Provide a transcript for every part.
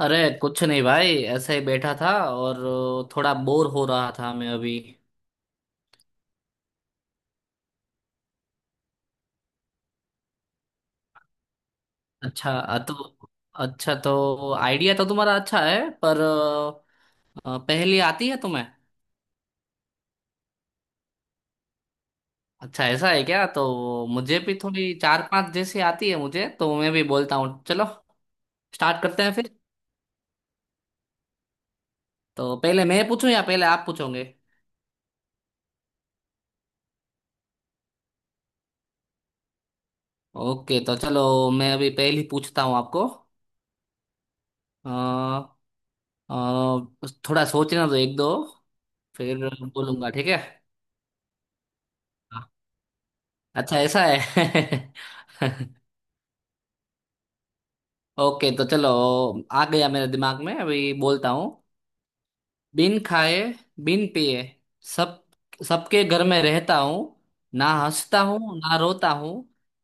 अरे। कुछ नहीं भाई, ऐसे ही बैठा था और थोड़ा बोर हो रहा था मैं अभी। अच्छा तो अच्छा तो आइडिया तो तुम्हारा अच्छा है पर पहेली आती है तुम्हें? अच्छा ऐसा है क्या? तो मुझे भी थोड़ी चार पांच जैसी आती है मुझे, तो मैं भी बोलता हूँ चलो। स्टार्ट करते हैं फिर। तो पहले मैं पूछूं या पहले आप पूछोगे? ओके तो चलो। मैं अभी पहली पूछता हूँ आपको। अ, अ, थोड़ा सोचना दो, एक दो फिर बोलूंगा, ठीक है। अच्छा ऐसा है। ओके तो चलो। आ गया मेरे दिमाग में, अभी बोलता हूँ। बिन खाए, बिन पिए, सब सबके घर में रहता हूँ। ना हंसता हूँ, ना रोता हूँ,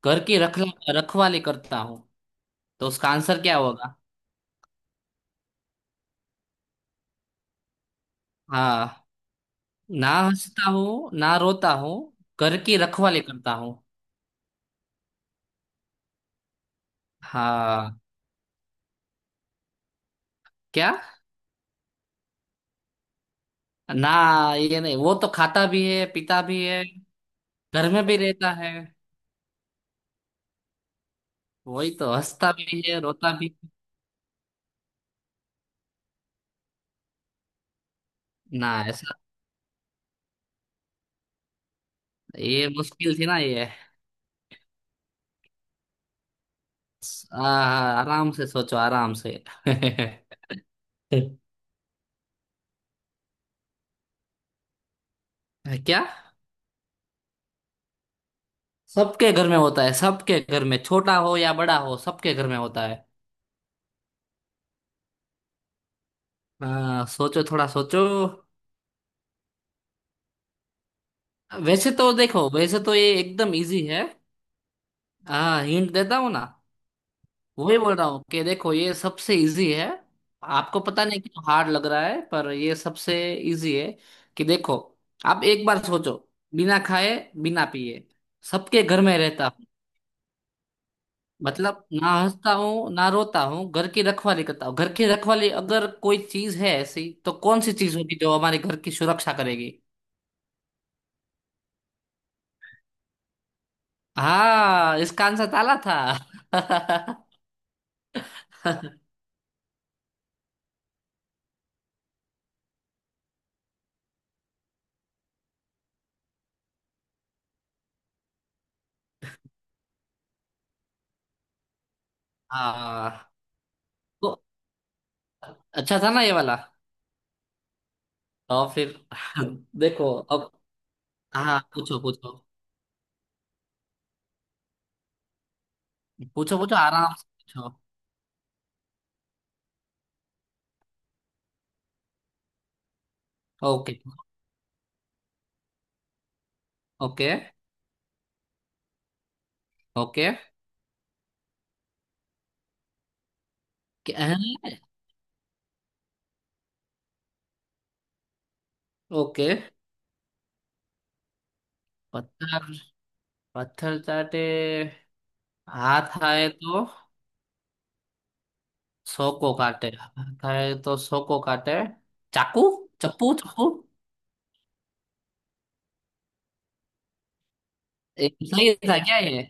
घर की रख रखवाली करता हूँ। तो उसका आंसर क्या होगा? हाँ। ना हंसता हूँ ना रोता हूँ, घर की रखवाली करता हूँ। हाँ। क्या? ना, ये नहीं, वो तो खाता भी है पीता भी है, घर में भी रहता है, वही तो हंसता भी है रोता भी। ना, ऐसा। ये मुश्किल थी ना ये? आ, आराम से सोचो आराम से। क्या? सबके घर में होता है, सबके घर में, छोटा हो या बड़ा हो सबके घर में होता है। सोचो, थोड़ा सोचो। वैसे तो देखो, वैसे तो ये एकदम इजी है। हाँ हिंट देता हूँ ना। वही बोल रहा हूँ कि देखो ये सबसे इजी है। आपको पता नहीं क्यों हार्ड लग रहा है, पर ये सबसे इजी है, कि देखो आप एक बार सोचो। बिना खाए, बिना पिए, सबके घर में रहता। मतलब, ना हंसता हूँ ना रोता हूँ, घर की रखवाली करता हूँ। घर की रखवाली अगर कोई चीज है ऐसी, तो कौन सी चीज होगी जो हमारे घर की सुरक्षा करेगी? हाँ, इसका आंसर ताला था। हाँ तो अच्छा था ना ये वाला। और फिर। देखो अब। हाँ पूछो पूछो। पूछो पूछो, आराम से पूछो। ओके ओके ओके, क्या- ओके। पत्थर। पत्थर चाटे। हाथ आए तो सौ को काटे। खाए तो सौ को काटे। चाकू। चप्पू चप्पू। सही था क्या ये?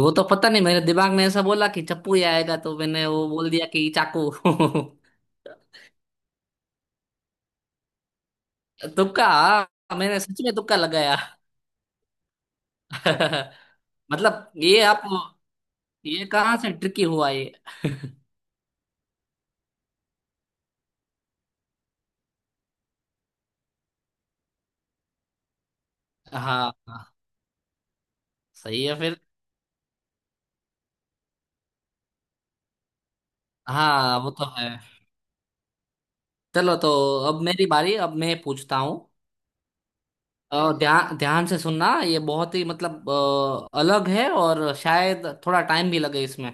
वो तो पता नहीं, मेरे दिमाग में ऐसा बोला कि चप्पू ही आएगा, तो मैंने वो बोल दिया कि चाकू। तुक्का। हाँ, मैंने सच में तुक्का लगाया। मतलब ये आप, ये कहाँ से ट्रिकी हुआ ये? हाँ हाँ, सही है फिर। हाँ वो तो है। चलो तो। अब मेरी बारी, अब मैं पूछता हूँ। और ध्यान ध्यान से सुनना, ये बहुत ही, मतलब अलग है और शायद थोड़ा टाइम भी लगे इसमें।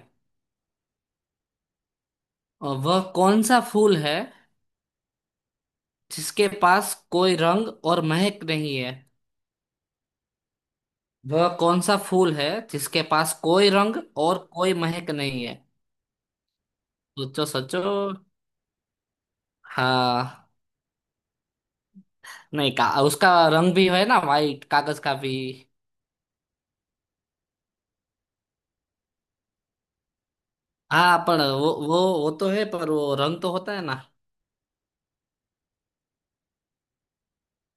और वह कौन सा फूल है जिसके पास कोई रंग और महक नहीं है? वह कौन सा फूल है जिसके पास कोई रंग और कोई महक नहीं है? सोचो सोचो। हाँ नहीं, का उसका रंग भी है ना, वाइट कागज का भी। हाँ पर वो तो है, पर वो रंग तो होता है ना।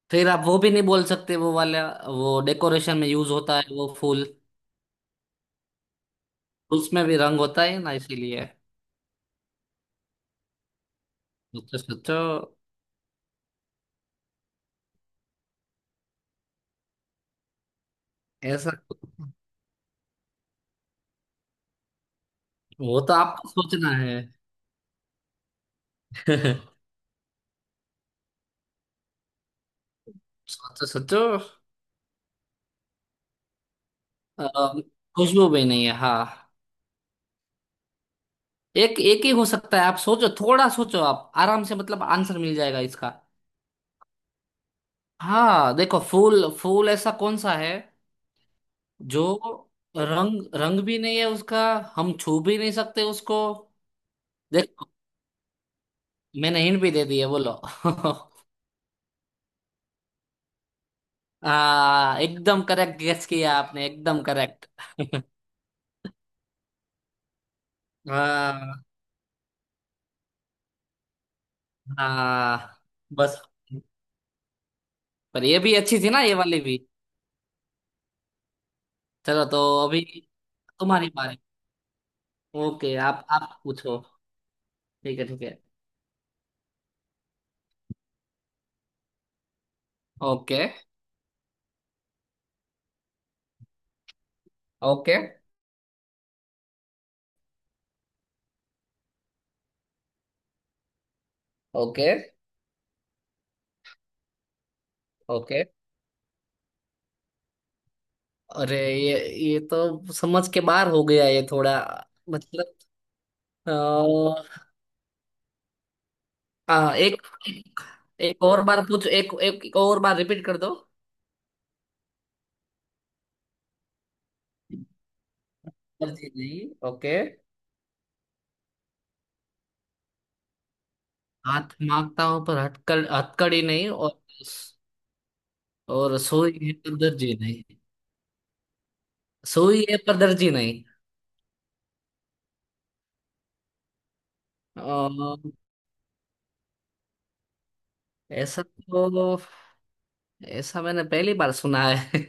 फिर आप वो भी नहीं बोल सकते वो वाला। वो डेकोरेशन में यूज होता है वो फूल। उसमें भी रंग होता है ना, इसीलिए। सोचो सोचो। ऐसा? वो तो आपको सोचना है। सोचो सोचो। अ, खुशबू भी नहीं है, हाँ। एक एक ही हो सकता है, आप सोचो, थोड़ा सोचो आप आराम से, मतलब आंसर मिल जाएगा इसका। हाँ देखो, फूल फूल ऐसा कौन सा है जो रंग रंग भी नहीं है उसका, हम छू भी नहीं सकते उसको। देखो मैंने हिंट भी दे दी है, बोलो। एकदम करेक्ट गेस किया आपने, एकदम करेक्ट। हाँ। हाँ। बस, पर ये भी अच्छी थी ना ये वाली भी। चलो तो अभी तुम्हारी बारी। ओके, आप पूछो। ठीक है ठीक है। Okay okay okay okay. अरे, ये तो समझ के बाहर हो गया ये थोड़ा। मतलब अ, एक एक और बार पूछ एक एक और बार रिपीट कर दो। पर जी नहीं, ओके। हाथ मांगता हूं पर हथकड़ी नहीं, और। और सोई है पर दर्जी नहीं। सोई है पर दर्जी नहीं। अ, ऐसा तो, ऐसा मैंने पहली बार सुना है।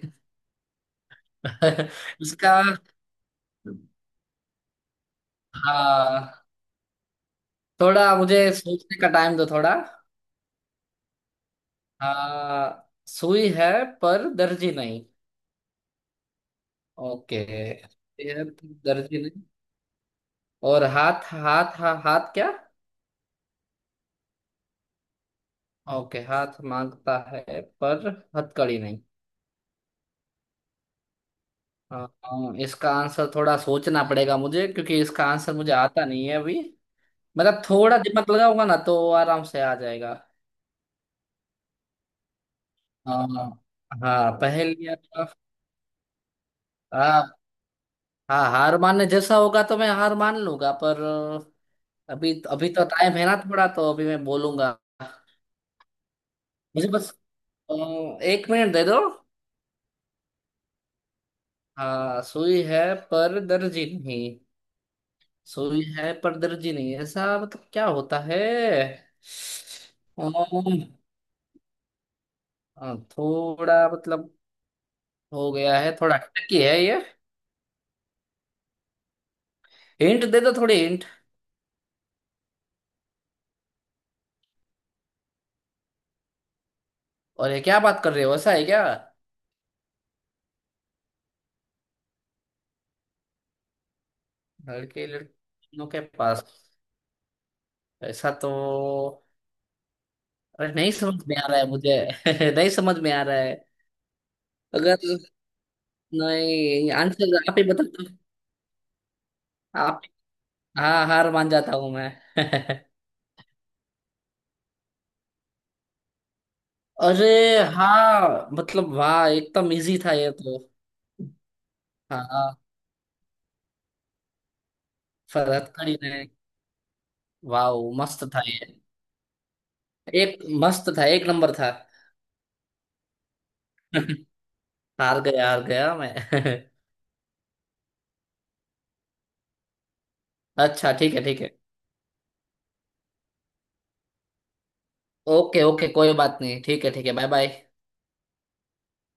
इसका। हाँ, थोड़ा मुझे सोचने का टाइम दो, थोड़ा। हाँ सुई है पर दर्जी नहीं। ओके है पर दर्जी नहीं, और हाथ हाथ हा, हाथ क्या? ओके हाथ मांगता है पर हथकड़ी नहीं। हाँ हाँ, इसका आंसर थोड़ा सोचना पड़ेगा मुझे, क्योंकि इसका आंसर मुझे आता नहीं है अभी। मतलब थोड़ा दिमाग लगाऊंगा ना, तो आराम से आ जाएगा। हाँ। हाँ हाँ हाँ, हार मानने जैसा होगा तो मैं हार मान लूंगा, पर अभी अभी तो टाइम है ना थोड़ा, तो अभी मैं बोलूंगा। मुझे बस अ, एक मिनट दे दो। हाँ सुई है पर दर्जी नहीं। सुई है पर दर्जी नहीं, ऐसा मतलब क्या होता है? अम्म, थोड़ा मतलब हो गया है थोड़ा, टकी है ये। हिंट दे दो, थोड़ी हिंट। और ये क्या बात कर रहे हो, ऐसा है क्या? लड़के लड़कियों के पास? ऐसा तो। अरे नहीं समझ में आ रहा है मुझे। नहीं समझ में आ रहा है। अगर नहीं, आंसर आप ही बता, आप। हाँ हार मान जाता हूँ मैं। अरे। हाँ मतलब वाह, एकदम इजी था ये तो। हाँ। फरहत खड़ी ने। वाह, मस्त था ये। एक मस्त था, एक नंबर था। हार गया मैं। अच्छा ठीक है ठीक है। ओके ओके, कोई बात नहीं, ठीक है ठीक है, बाय बाय।